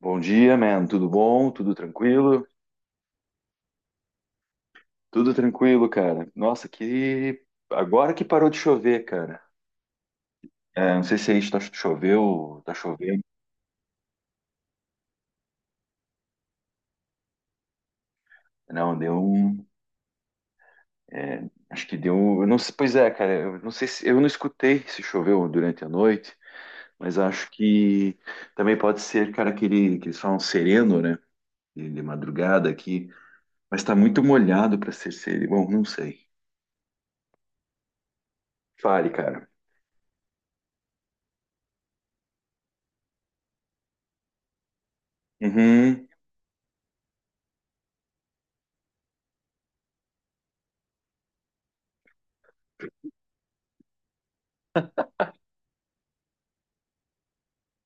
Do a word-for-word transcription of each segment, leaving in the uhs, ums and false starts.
Bom dia, man. Tudo bom? Tudo tranquilo? Tudo tranquilo, cara. Nossa, que. Agora que parou de chover, cara. É, não sei se aí tá choveu, tá chovendo. Não, deu um. é, acho que deu. Um, eu não sei, pois é, cara. Eu não sei se eu não escutei se choveu durante a noite, mas acho que também pode ser, cara, aquele que eles falam sereno, né? De de madrugada aqui. Mas tá muito molhado pra ser sereno. Bom, não sei. Fale, cara. Uhum.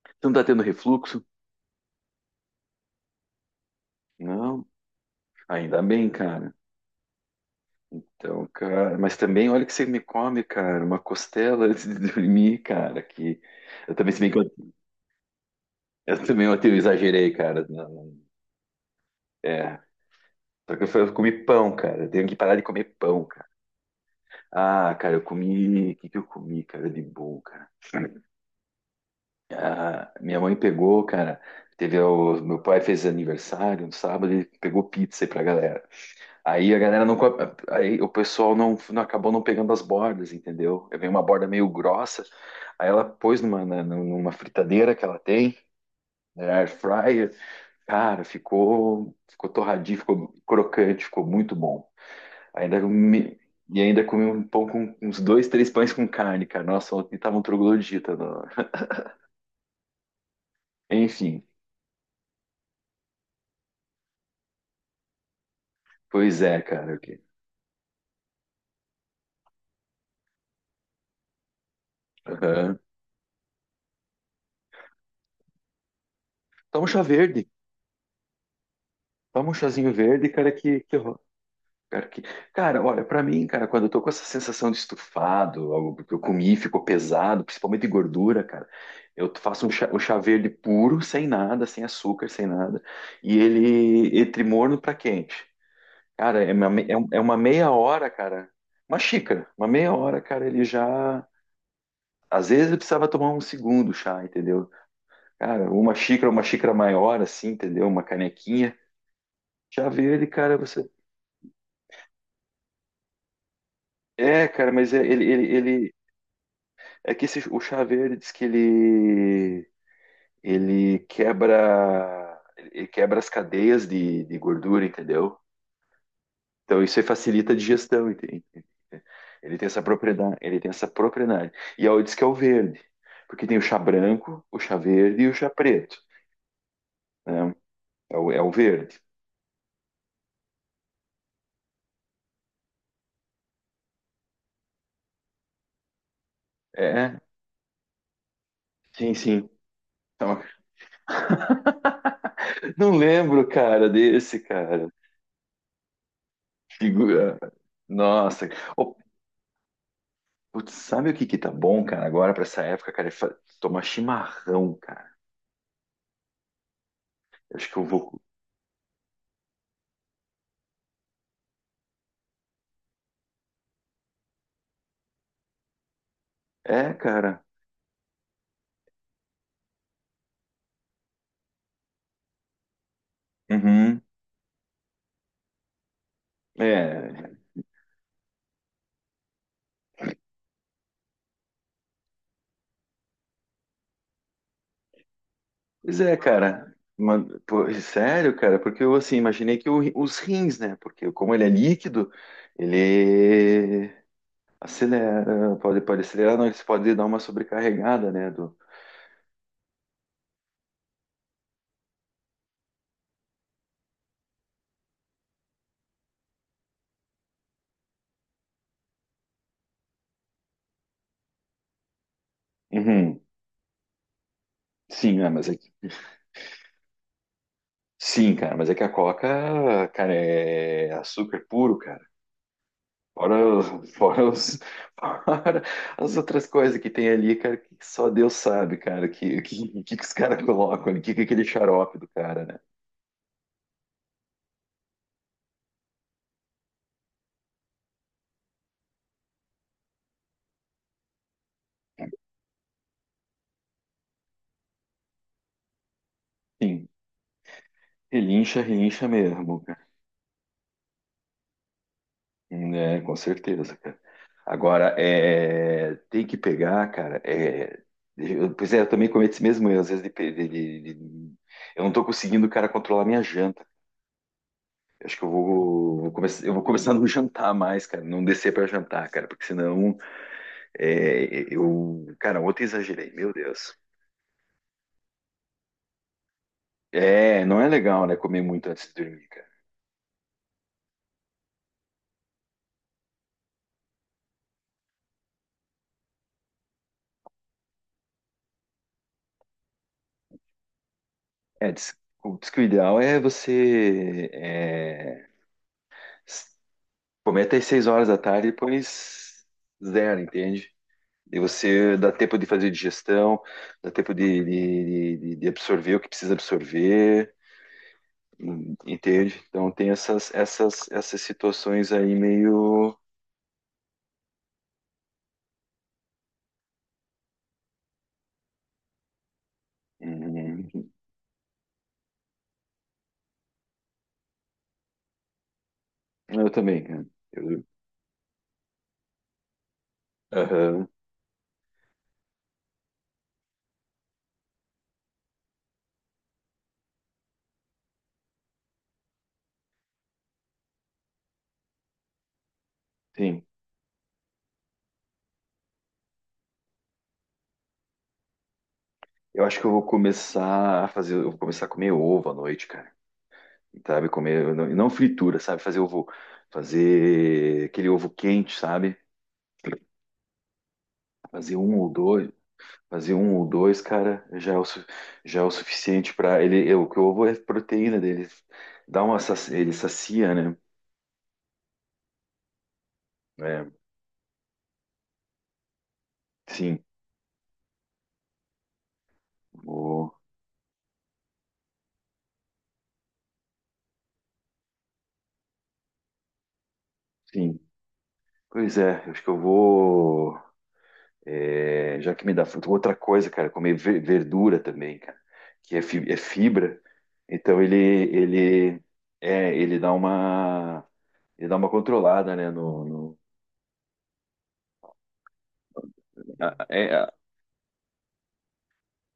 Você não tá tendo refluxo? Não. Ainda bem, cara. Então, cara, mas também olha que você me come, cara, uma costela antes de dormir, cara, que eu também, se bem que eu, eu também ontem eu exagerei, cara. Não, não- é, só que eu, fui- eu comi pão, cara. Eu tenho que parar de comer pão, cara. Ah, cara, eu comi, o que que eu comi, cara, de bom, cara? Ah, minha mãe pegou, cara, teve o meu pai fez aniversário no sábado, ele pegou pizza aí pra galera. Aí a galera não. co- Aí o pessoal não, não acabou não pegando as bordas, entendeu? Aí Vem uma borda meio grossa, aí ela pôs numa, na- numa fritadeira que ela tem, né, air fryer. Cara, ficou, ficou torradinho, ficou crocante, ficou muito bom. Ainda me- e ainda comi um pão com uns dois, três pães com carne, cara. Nossa, ontem tava um troglodita. no- Enfim, pois é, cara. ok. Aham. Toma um chá verde. Toma um chazinho verde, cara, que, que, cara, que... cara, olha, pra mim, cara, quando eu tô com essa sensação de estufado, algo que eu comi ficou pesado, principalmente de gordura, cara, eu faço um chá, um chá verde puro, sem nada, sem açúcar, sem nada, e ele entre morno pra quente. Cara, é uma, me- é um- é uma meia hora, cara, uma xícara, uma meia hora, cara, ele já. Às vezes eu precisava tomar um segundo chá, entendeu? Cara, uma xícara, uma xícara maior, assim, entendeu? Uma canequinha. Chá verde, cara, você. É, cara, mas é- ele, ele, ele, É que esse, o chá verde diz que ele, ele quebra, ele quebra as cadeias de, de gordura, entendeu? Então isso aí facilita a digestão, entende? Ele tem essa propriedade, ele tem essa propriedade. E aí diz que é o verde, porque tem o chá branco, o chá verde e o chá preto, né? É o, é o verde. É, sim, sim. Então, não lembro, cara, desse, cara. Figura. Nossa. Ô, putz, sabe o que que tá bom, cara, agora pra essa época, cara? É fa- tomar chimarrão, cara. Eu Acho que eu vou. É, cara. Uhum. É. Pois é, cara. Uma- pô, é sério, cara, porque eu assim, imaginei que o ri- os rins, né? Porque como ele é líquido, ele acelera, pode, pode acelerar, não, ele pode dar uma sobrecarregada, né? Do... Uhum. Sim, ah, mas é que. Sim, cara, mas é que a Coca, cara, é açúcar puro, cara. Fora, os- fora, os- fora as outras coisas que tem ali, cara, que só Deus sabe, cara, que que, que, que os caras colocam ali, que que é aquele xarope do cara, né? Sim, relincha, relincha mesmo, cara. Né, com certeza, cara. Agora, é, tem que pegar, cara, é, eu, pois é, eu também cometo esse mesmo erro, às vezes, de, pe- de- de- de- eu não tô conseguindo, cara, controlar minha janta. Acho que eu vou, vou começar, eu vou começar a não jantar mais, cara, não descer pra jantar, cara, porque senão. É, eu, cara, ontem exagerei, meu Deus. É, não é legal, né, comer muito antes de dormir, cara. É, diz, o- diz que o ideal é você é, s- comer até as seis horas da tarde e depois zero, entende? E você dá tempo de fazer digestão, dá tempo de, de, de- de absorver o que precisa absorver, en- entende? Então tem essas, essas, essas situações aí meio. Hum, eu também, cara. Eu, aham, sim. Eu acho que eu vou começar a fazer, eu vou começar a comer ovo à noite, cara. Sabe, comer, não, não fritura, sabe, fazer ovo, fazer aquele ovo quente, sabe? Fazer um ou dois, fazer um ou dois, cara, já é o, su- já é o suficiente para ele, é, o que o ovo é a proteína dele, dá uma, saci- ele sacia, né? É, sim, o, sim. Pois é, acho que eu vou. É, já que me dá fruta. Outra coisa, cara, comer ver- verdura também, cara, que é fi- é fibra. Então ele ele é, ele dá uma ele dá uma controlada, né? No, no- a- é, a-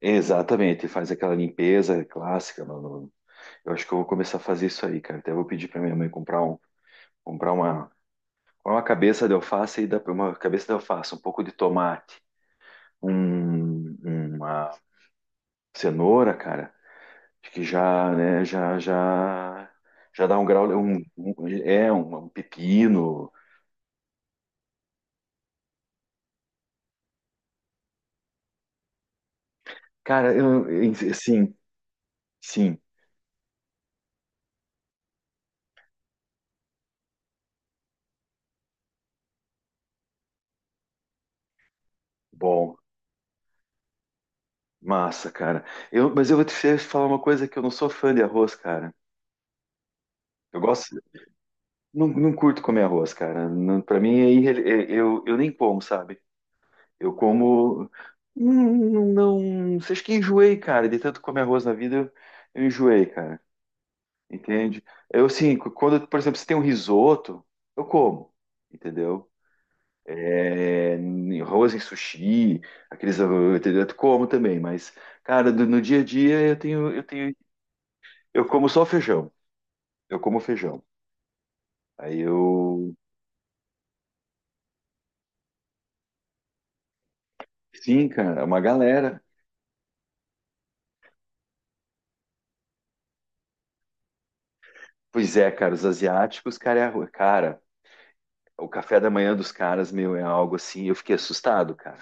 é, exatamente, ele faz aquela limpeza clássica. No- no- eu acho que eu vou começar a fazer isso aí, cara. Até vou pedir para minha mãe comprar um comprar uma uma cabeça de alface e dá uma cabeça de alface, um pouco de tomate, um, uma cenoura, cara. Acho que já, né, já, já, já dá um grau, um, um- é, um, um pepino. Cara, eu, eu- sim, sim, bom, massa, cara. Eu, mas eu vou te falar uma coisa que eu não sou fã de arroz, cara. Eu gosto, não, não curto comer arroz, cara. Não, para mim, é irre- é- eu, eu nem como, sabe? Eu como, hum, não, não, não, acho que enjoei, cara. De tanto comer arroz na vida, eu, eu enjoei, cara. Entende? Eu, assim, quando, por exemplo, se tem um risoto, eu como, entendeu? É, em arroz em sushi, aqueles, ah, entendeu? Eu como também, mas, cara, do- no dia a dia eu tenho, eu tenho, eu como só feijão, eu como feijão. Aí eu, sim, cara, é uma galera. Pois é, cara, os asiáticos, cara, é arroz. Cara, o café da manhã dos caras, meu, é algo assim, eu fiquei assustado, cara.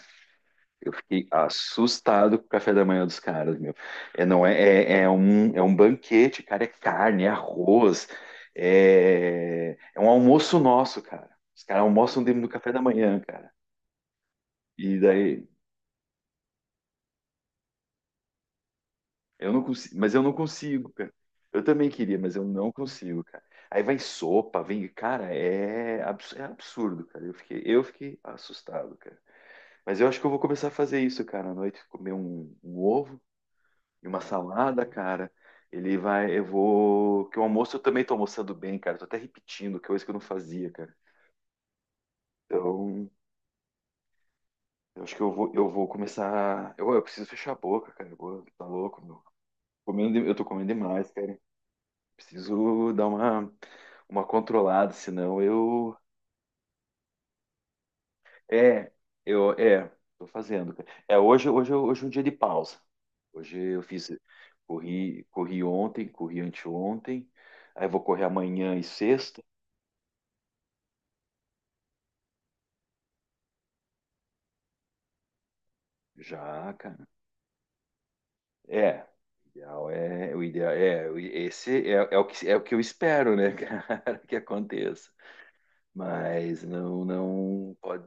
Eu fiquei assustado com o café da manhã dos caras, meu. É, não é, é, é um, é um banquete, cara. É carne, é arroz, é, é um almoço nosso, cara. Os caras almoçam dentro do café da manhã, cara. E daí, eu não consigo, mas eu não consigo, cara. Eu também queria, mas eu não consigo, cara. Aí vai sopa, vem, cara, é, abs- é absurdo, cara. Eu fiquei, eu fiquei assustado, cara. Mas eu acho que eu vou começar a fazer isso, cara, à noite, comer um, um ovo e uma salada, cara. Ele vai. Eu vou. Que o almoço eu também tô almoçando bem, cara. Tô até repetindo, que é coisa que eu não fazia, cara. Então, eu acho que eu vou, eu vou começar. Eu, eu preciso fechar a boca, cara. Eu vou- tá louco, meu. Comendo, de- eu tô comendo demais, cara. Preciso dar uma, uma controlada, senão eu. É, eu. É, tô fazendo, cara. É, hoje, hoje, hoje é um dia de pausa. Hoje eu fiz. Corri, corri ontem, corri anteontem. Aí vou correr amanhã e sexta. Já, cara. É. Ideal é o ideal é o- esse é, é o que é o que eu espero, né, cara, que aconteça. Mas não não pode.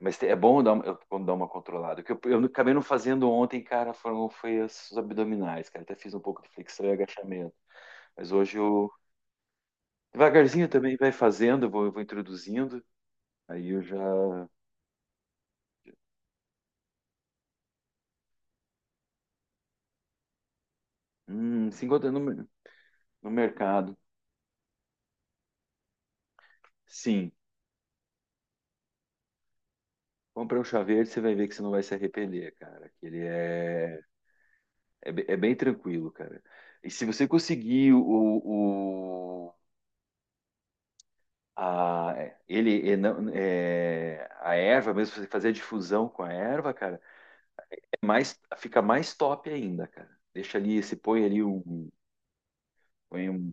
Mas é bom dar uma, eu- quando dar uma controlada. O que eu, eu acabei não fazendo ontem, cara, foram foi os abdominais, cara. Até fiz um pouco de flexão e agachamento. Mas hoje eu devagarzinho também vai fazendo, eu vou, eu vou introduzindo. Aí eu já hum, se encontra no, mer- no mercado. Sim. Compra um chá verde, você vai ver que você não vai se arrepender, cara. Que ele é. É, be- é bem tranquilo, cara. E se você conseguir o, o- a, é, ele, é, não- é, a erva, mesmo você fazer a difusão com a erva, cara, é mais, fica mais top ainda, cara. Deixa ali, se põe ali um, põe um.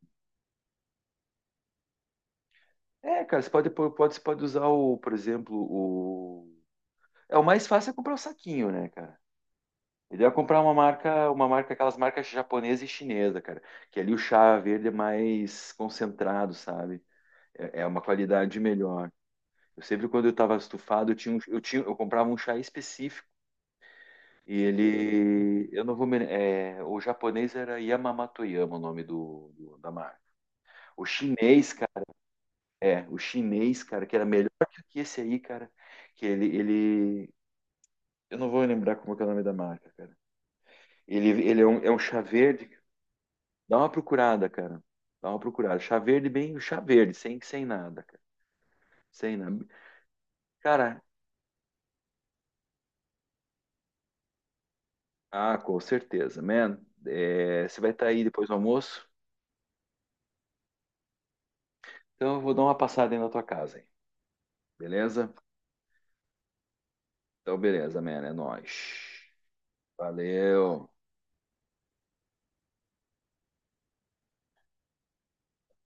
É, cara, você pode, pôr- pode, você pode usar o, por exemplo, o. É o mais fácil é comprar o saquinho, né, cara? Ele vai comprar uma marca, uma marca, aquelas marcas japonesa e chinesa, cara. Que ali o chá verde é mais concentrado, sabe? É é uma qualidade melhor. Eu sempre, quando eu estava estufado, eu, tinha, um- eu, tinha, eu comprava um chá específico. E ele. Eu não vou me. É, o japonês era Yamamatoyama, o nome do, do- da marca. O chinês, cara. É, o chinês, cara, que era melhor que esse aí, cara. Que ele. Ele eu não vou lembrar como que é o nome da marca, cara. Ele, ele é um, é um chá verde. Dá uma procurada, cara. Dá uma procurada. Chá verde, bem. Chá verde, sem, sem nada, cara. Sem nada. Cara, ah, com certeza, man. É, você vai estar aí depois do almoço? Então eu vou dar uma passada aí na tua casa, hein? Beleza? Então, beleza, man. É nóis. Valeu.